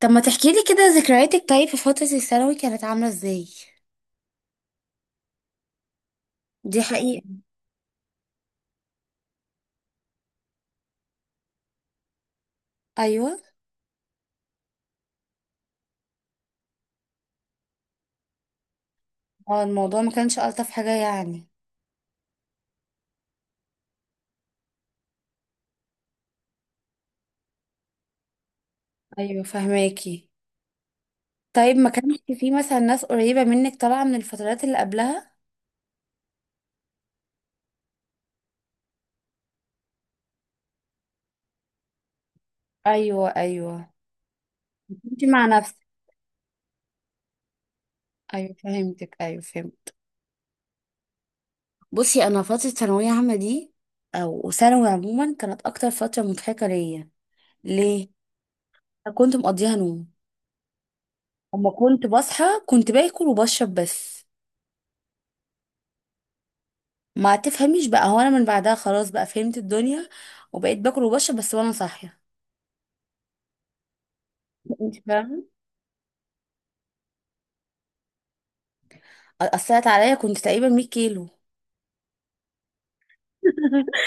طب ما تحكي لي كده ذكرياتك؟ طيب، في فترة الثانوي كانت عاملة ازاي؟ دي حقيقة. ايوه. اه، الموضوع ما كانش الطف حاجة يعني. ايوه فهماكي. طيب ما كانش في مثلا ناس قريبة منك طالعة من الفترات اللي قبلها؟ ايوه، ايوه. كنت مع نفسك. ايوه فهمتك، ايوه فهمت. بصي، انا فترة ثانوية عامة دي او ثانوي عموما كانت اكتر فترة مضحكة ليا. ليه؟ أنا كنت مقضيها نوم. اما كنت بصحى كنت باكل وبشرب بس. ما تفهميش بقى، هو انا من بعدها خلاص بقى فهمت الدنيا وبقيت باكل وبشرب بس وانا صاحيه. انت فاهمه. اثرت عليا، كنت تقريبا 100 كيلو.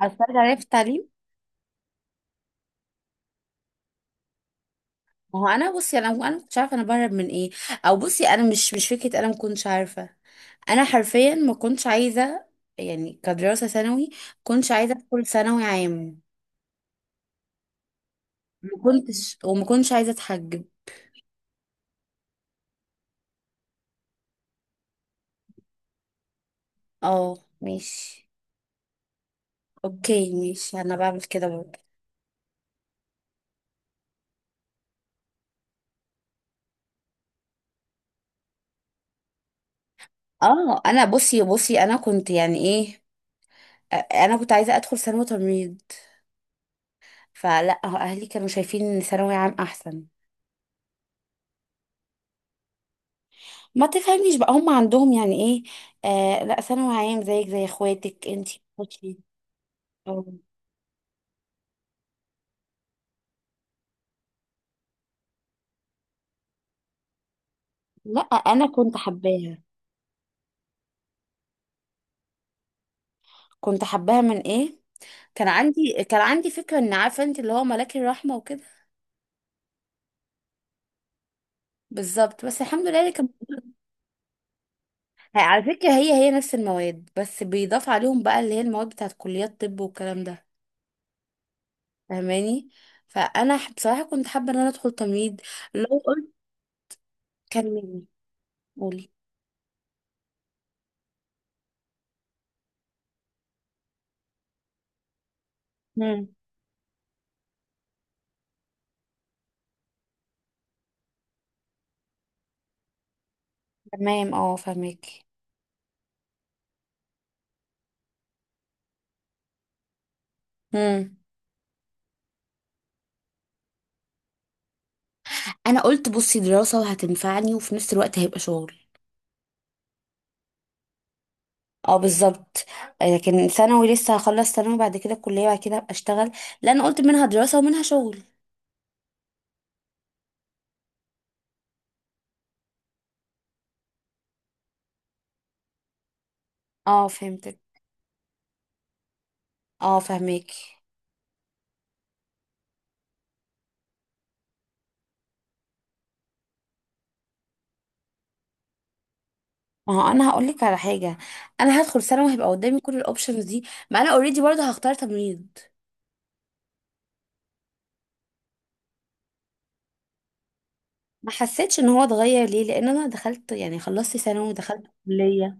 اثرت عليا في التعليم. ما هو انا بصي، انا ما كنتش عارفه انا بهرب من ايه. او بصي انا مش فكره، انا ما كنتش عارفه. انا حرفيا ما كنتش عايزه، يعني كدراسه ثانوي، ما كنتش عايزه ادخل ثانوي عام. ما كنتش، وما كنتش عايزه اتحجب. اه ماشي. اوكي ماشي، انا بعمل كده برضه. اه، انا بصي انا كنت يعني ايه، انا كنت عايزه ادخل ثانوي تمريض. فلا، هو اهلي كانوا شايفين ان ثانوي عام احسن. ما تفهمنيش بقى، هم عندهم يعني ايه؟ آه لا، ثانوي عام زيك زي اخواتك انتي بتخشي. أو- لا انا كنت حباها. كنت حباها من ايه؟ كان عندي فكره ان، عارفه انت، اللي هو ملاك الرحمه وكده. بالظبط. بس الحمد لله اللي كان. على فكره، هي نفس المواد بس بيضاف عليهم بقى اللي هي المواد بتاعت كليات طب والكلام ده. فاهماني. فانا بصراحه كنت حابه ان انا ادخل تمريض. لو. كلميني. قولي. مم. تمام، اه فهماكي. مم. انا قلت بصي، دراسة وهتنفعني وفي نفس الوقت هيبقى شغل. اه بالظبط. لكن ثانوي، لسه هخلص ثانوي، بعد كده الكلية، بعد كده هبقى اشتغل. لا، انا قلت منها دراسة ومنها شغل. اه فهمتك. اه فهماكي. ما هو، انا هقول لك على حاجة. انا هدخل ثانوي، هيبقى قدامي كل الاوبشنز دي. ما انا اوريدي برضه هختار تمريض. ما حسيتش ان هو اتغير، ليه؟ لان انا دخلت، يعني خلصت ثانوي ودخلت كلية.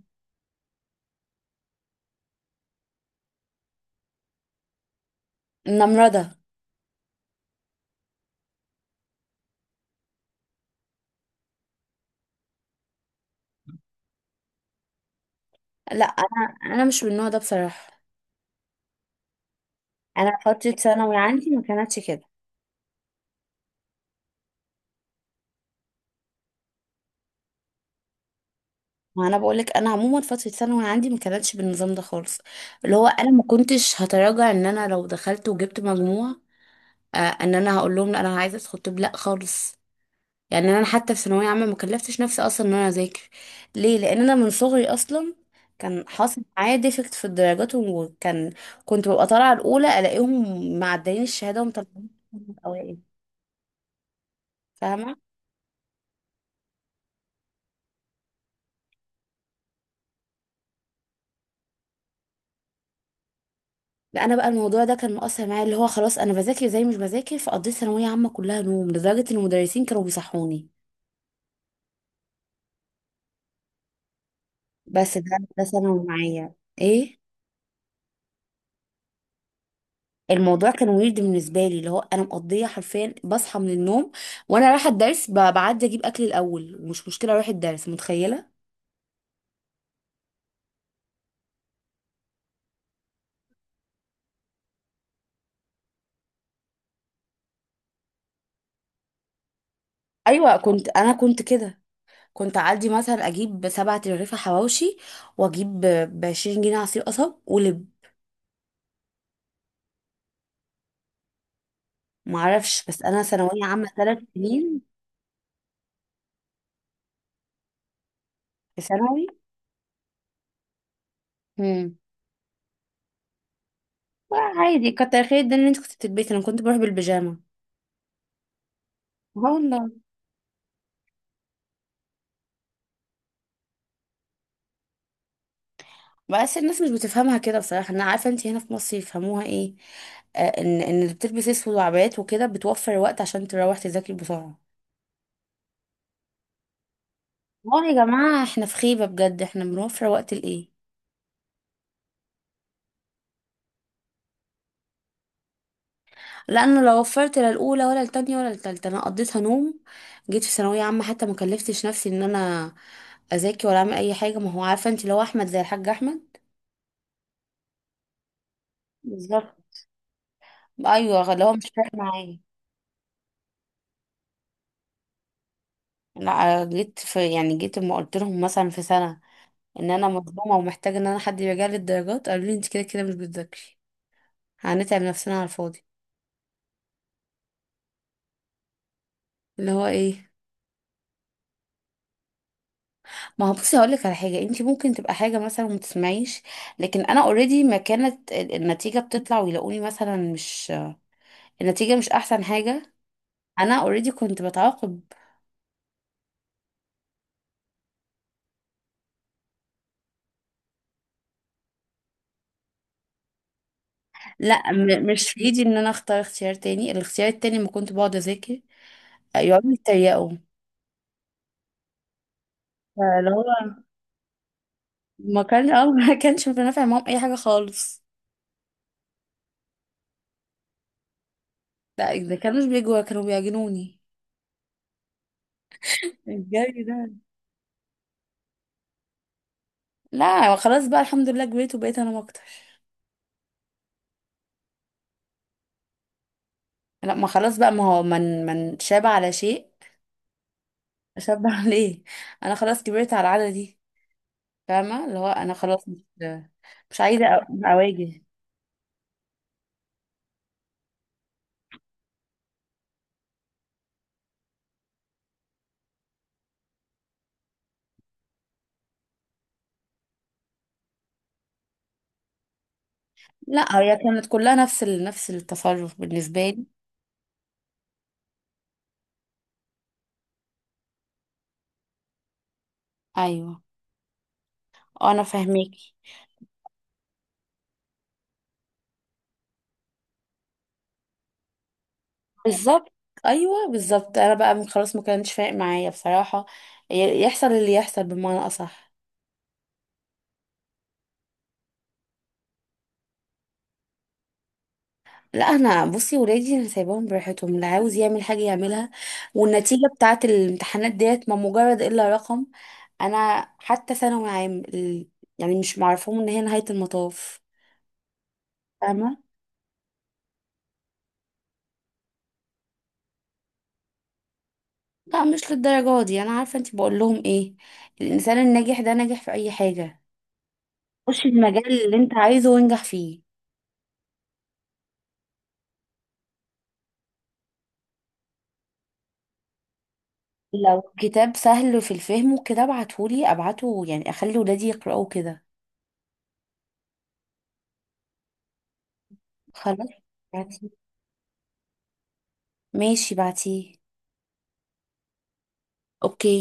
نمرضة. لا، انا مش من النوع ده بصراحة. انا فتره ثانوي عندي ما كانتش كده. ما انا بقول لك، انا عموما فتره ثانوي عندي ما كانتش بالنظام ده خالص. اللي هو انا ما كنتش هتراجع ان انا لو دخلت وجبت مجموع. ان انا هقول لهم، لا انا عايزه ادخل طب، لا خالص. يعني انا حتى في ثانويه عامه ما كلفتش نفسي اصلا ان انا اذاكر. ليه؟ لان انا من صغري اصلا كان حاصل معايا ديفكت في الدرجات، وكان كنت ببقى طالعه الاولى الاقيهم معديين الشهاده ومطلعين الأوائل. فاهمه. لا، انا بقى الموضوع ده كان مؤثر معايا، اللي هو خلاص انا بذاكر زي مش بذاكر، فقضيت ثانويه عامه كلها نوم لدرجه ان المدرسين كانوا بيصحوني. بس ده ثانوي معايا. ايه. الموضوع كان ويرد بالنسبه لي، اللي هو انا مقضيه حرفيا بصحى من النوم وانا رايحه الدرس، بعدي اجيب اكل الاول ومش مشكله اروح الدرس متخيله. ايوه، انا كنت كده. كنت اعدي مثلا اجيب 7 رغيفه حواوشي، واجيب ب 20 جنيه عصير قصب ولب. معرفش. بس انا ثانويه عامه 3 سنين. في ثانوي. مم. عادي، كتر خير ده ان انت كنت بتلبسي، انا كنت بروح بالبيجامه اه. والله. بس الناس مش بتفهمها كده بصراحه، انا عارفه انت هنا في مصر يفهموها ايه. ان اللي بتلبس اسود وعبايات وكده بتوفر وقت عشان تروح تذاكري بسرعه. اه يا جماعه، احنا في خيبه بجد، احنا بنوفر وقت لايه؟ لانه لو وفرت، لا الاولى ولا التانية ولا التالتة، انا قضيتها نوم. جيت في ثانويه عامه حتى ما كلفتش نفسي ان انا اذاكر ولا اعمل اي حاجه. ما هو عارفه انت، لو احمد زي الحاج احمد. بالظبط. ايوه، لو هو مش فارق معايا. لا، جيت في يعني جيت لما قلت لهم مثلا في سنة ان انا مظلومة ومحتاجة ان انا حد يراجع لي الدرجات، قالوا لي انت كده كده مش بتذاكري، هنتعب نفسنا على الفاضي. اللي هو ايه؟ ما هو بصي، هقول لك على حاجة، انت ممكن تبقى حاجة مثلا وما تسمعيش، لكن انا اوريدي ما كانت النتيجة بتطلع ويلاقوني مثلا مش، النتيجة مش احسن حاجة، انا اوريدي كنت بتعاقب. لا، مش في ايدي ان انا اختار اختيار تاني، الاختيار التاني ما كنت بقعد اذاكر، يقعدوا يتريقوا. فاللي هو، ما كانش بنافع معاهم اي حاجه خالص. لا، اذا كانوش بيجوا كانوا بيعجنوني الجري ده. لا خلاص بقى، الحمد لله كبرت وبقيت انام اكتر. لا ما خلاص بقى، ما هو من شاب على شيء. شاب على ايه. انا خلاص كبرت على العاده دي. فاهمه، اللي هو انا خلاص، مش عايزه اواجه. لا، هي كانت كلها نفس التصرف بالنسبه لي. ايوه، انا فاهمك. بالظبط. ايوه بالظبط. انا بقى، من خلاص ما كانش فارق معايا بصراحه، يحصل اللي يحصل بمعنى اصح. لا، انا بصي، ولادي انا سايباهم براحتهم، اللي عاوز يعمل حاجه يعملها. والنتيجه بتاعه الامتحانات ديت ما مجرد الا رقم. انا حتى ثانوي عام يعني مش معرفهم ان هي نهايه المطاف. فاهمه. لا مش للدرجه دي، انا عارفه انت بقول لهم ايه. الانسان الناجح ده ناجح في اي حاجه، خش المجال اللي انت عايزه وانجح فيه. لو كتاب سهل في الفهم وكده ابعتهولي، ابعته يعني اخلي ولادي يقرأوه كده. خلاص، بعتيه. ماشي بعتيه. اوكي.